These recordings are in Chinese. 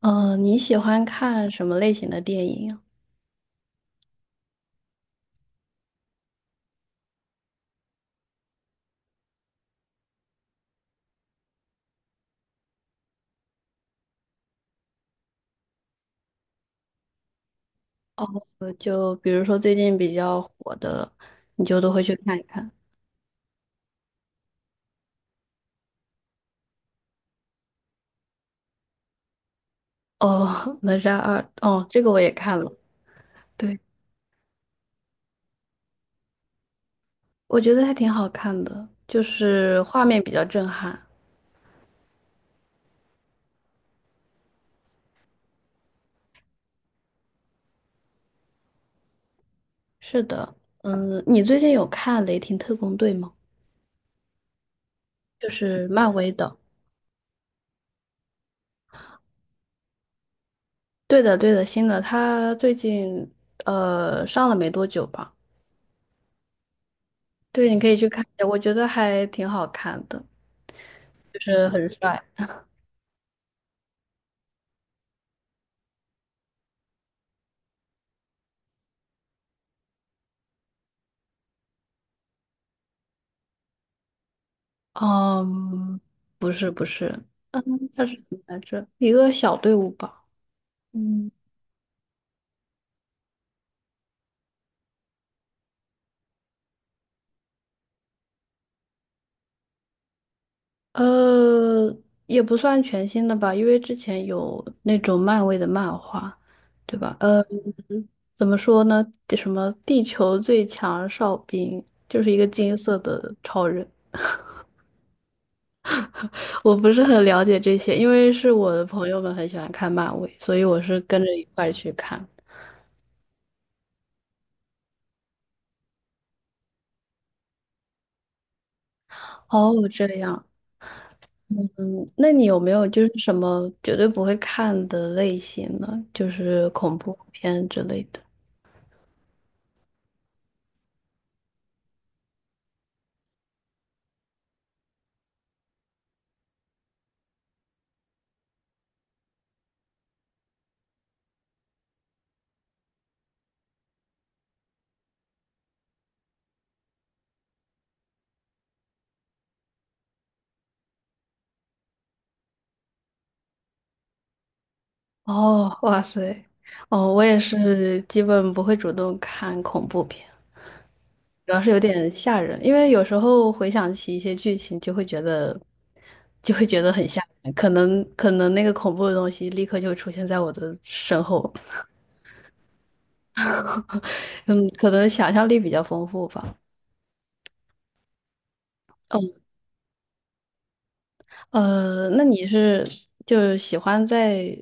嗯，你喜欢看什么类型的电影啊？哦，就比如说最近比较火的，你就都会去看一看。哦，《哪吒二》哦，这个我也看了，对，我觉得还挺好看的，就是画面比较震撼。是的，嗯，你最近有看《雷霆特工队》吗？就是漫威的。对的，对的，新的，他最近上了没多久吧？对，你可以去看一下，我觉得还挺好看的，就是很帅。嗯，不是不是，嗯，它是怎么来着？一个小队伍吧。嗯，呃，也不算全新的吧，因为之前有那种漫威的漫画，对吧？呃，怎么说呢？什么地球最强哨兵，就是一个金色的超人。我不是很了解这些，因为是我的朋友们很喜欢看漫威，所以我是跟着一块儿去看。哦，这样。嗯，那你有没有就是什么绝对不会看的类型呢？就是恐怖片之类的。哦，哇塞，哦，我也是基本不会主动看恐怖片，主要是有点吓人，因为有时候回想起一些剧情，就会觉得很吓人，可能那个恐怖的东西立刻就出现在我的身后，嗯，可能想象力比较丰富吧。呃，那你是就喜欢在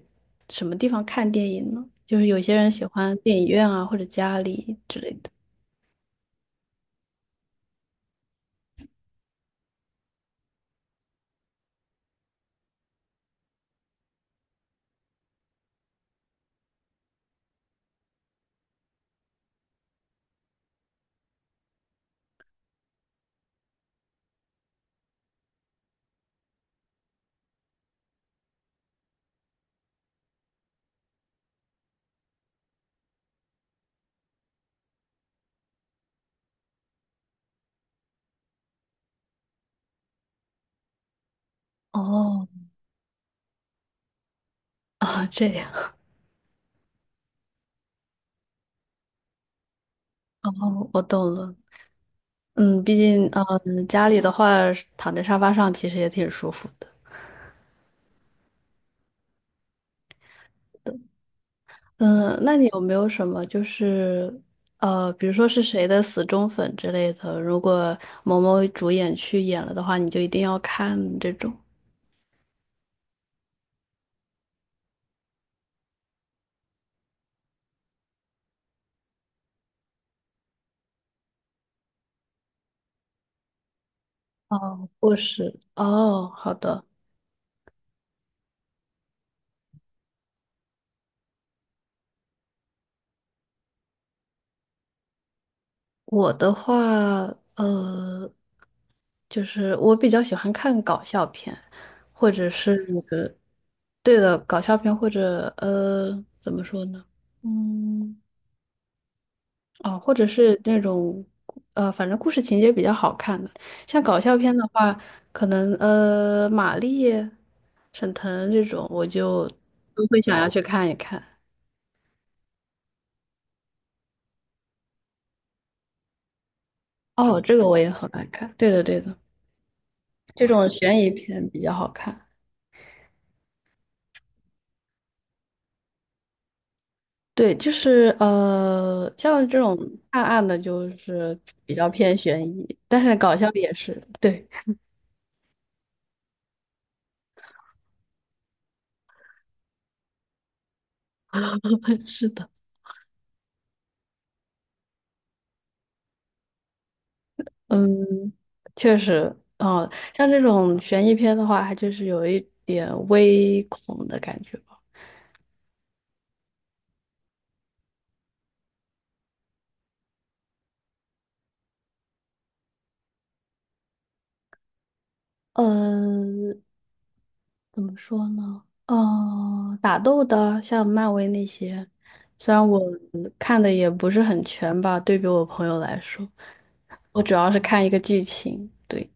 什么地方看电影呢？就是有些人喜欢电影院啊，或者家里之类的。哦啊，这样。哦，我懂了。嗯，毕竟，嗯，家里的话，躺在沙发上其实也挺舒服的。嗯，那你有没有什么就是，呃，比如说是谁的死忠粉之类的，如果某某主演去演了的话，你就一定要看这种？哦，不是。哦，好的。我的话，呃，就是我比较喜欢看搞笑片，或者是对的搞笑片，或者呃，怎么说呢？嗯，哦，或者是那种反正故事情节比较好看的。像搞笑片的话，可能马丽、沈腾这种，我就都会想要去看一看。哦，这个我也很爱看。对的，对的，这种悬疑片比较好看。对，就是呃，像这种暗暗的，就是比较偏悬疑，但是搞笑也是，对，是的，嗯，确实，哦，像这种悬疑片的话，它就是有一点微恐的感觉吧。呃，怎么说呢？呃，打斗的，像漫威那些，虽然我看的也不是很全吧，对比我朋友来说，我主要是看一个剧情，对。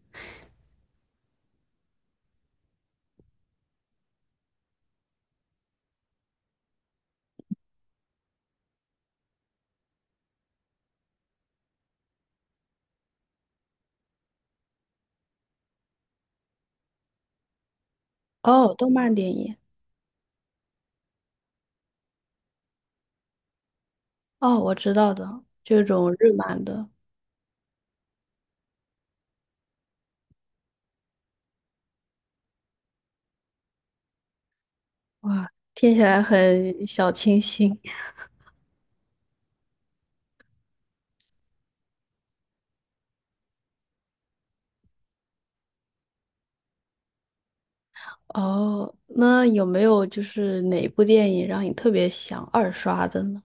哦，动漫电影，哦，我知道的，这种日漫的，哇，听起来很小清新。哦，那有没有就是哪部电影让你特别想二刷的呢？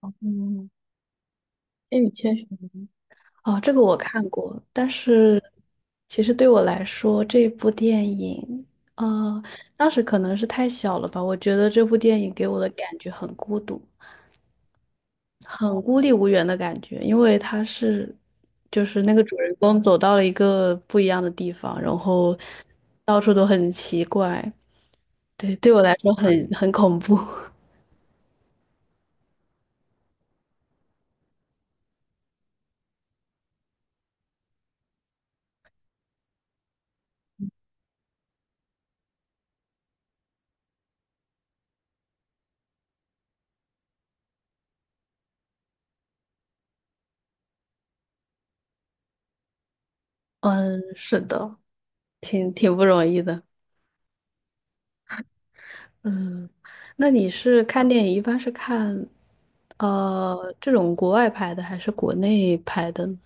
嗯，《冰与千寻》哦，这个我看过，但是其实对我来说，这部电影，呃，当时可能是太小了吧，我觉得这部电影给我的感觉很孤独。很孤立无援的感觉，因为他是，就是那个主人公走到了一个不一样的地方，然后到处都很奇怪，对，对我来说很恐怖。嗯，是的，挺不容易的。嗯，那你是看电影一般是看这种国外拍的还是国内拍的呢？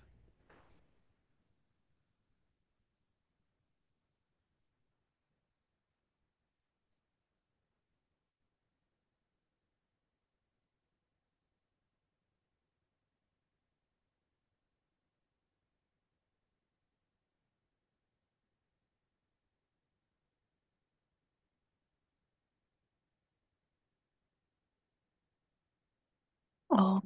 哦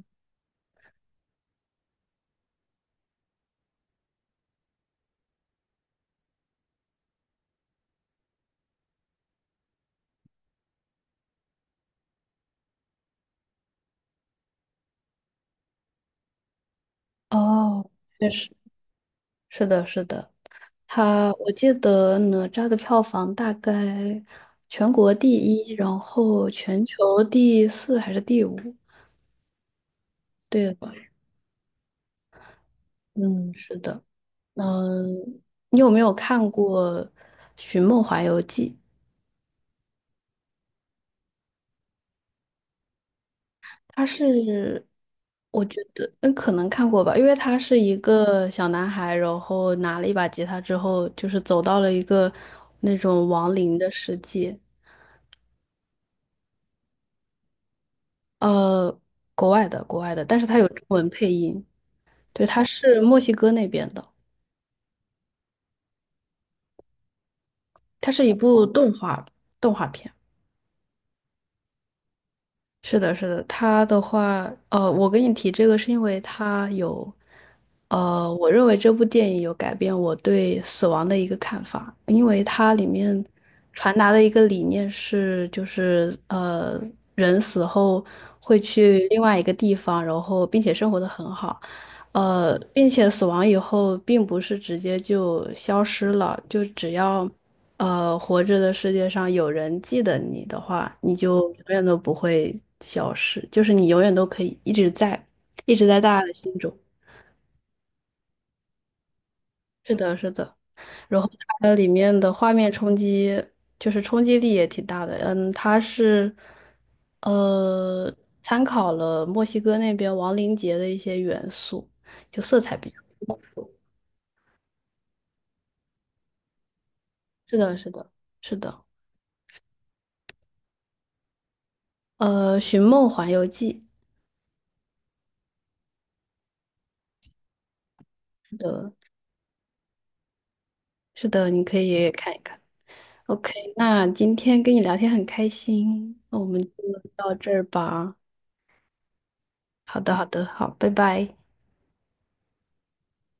哦，确实是的，是的。他我记得哪吒的票房大概全国第一，然后全球第4还是第5？对吧？嗯，是的。嗯，你有没有看过《寻梦环游记》？它是，我觉得，嗯，可能看过吧，因为他是一个小男孩，然后拿了一把吉他之后，就是走到了一个那种亡灵的世界，呃，国外的，国外的，但是他有中文配音。对，它是墨西哥那边的，它是一部动画动画片。是的，是的，它的话，呃，我跟你提这个是因为它有，呃，我认为这部电影有改变我对死亡的一个看法，因为它里面传达的一个理念是，就是呃，人死后会去另外一个地方，然后并且生活的很好。呃，并且死亡以后并不是直接就消失了，就只要呃，活着的世界上有人记得你的话，你就永远都不会消失，就是你永远都可以一直在，一直在大家的心中。是的，是的。然后它的里面的画面冲击，就是冲击力也挺大的。嗯，它是呃参考了墨西哥那边亡灵节的一些元素，就色彩比较丰富。是的，是的，是的。呃，《寻梦环游记》是的，是的，你可以看一看。OK，那今天跟你聊天很开心，那我们就到这儿吧。好的，好的，好，拜拜。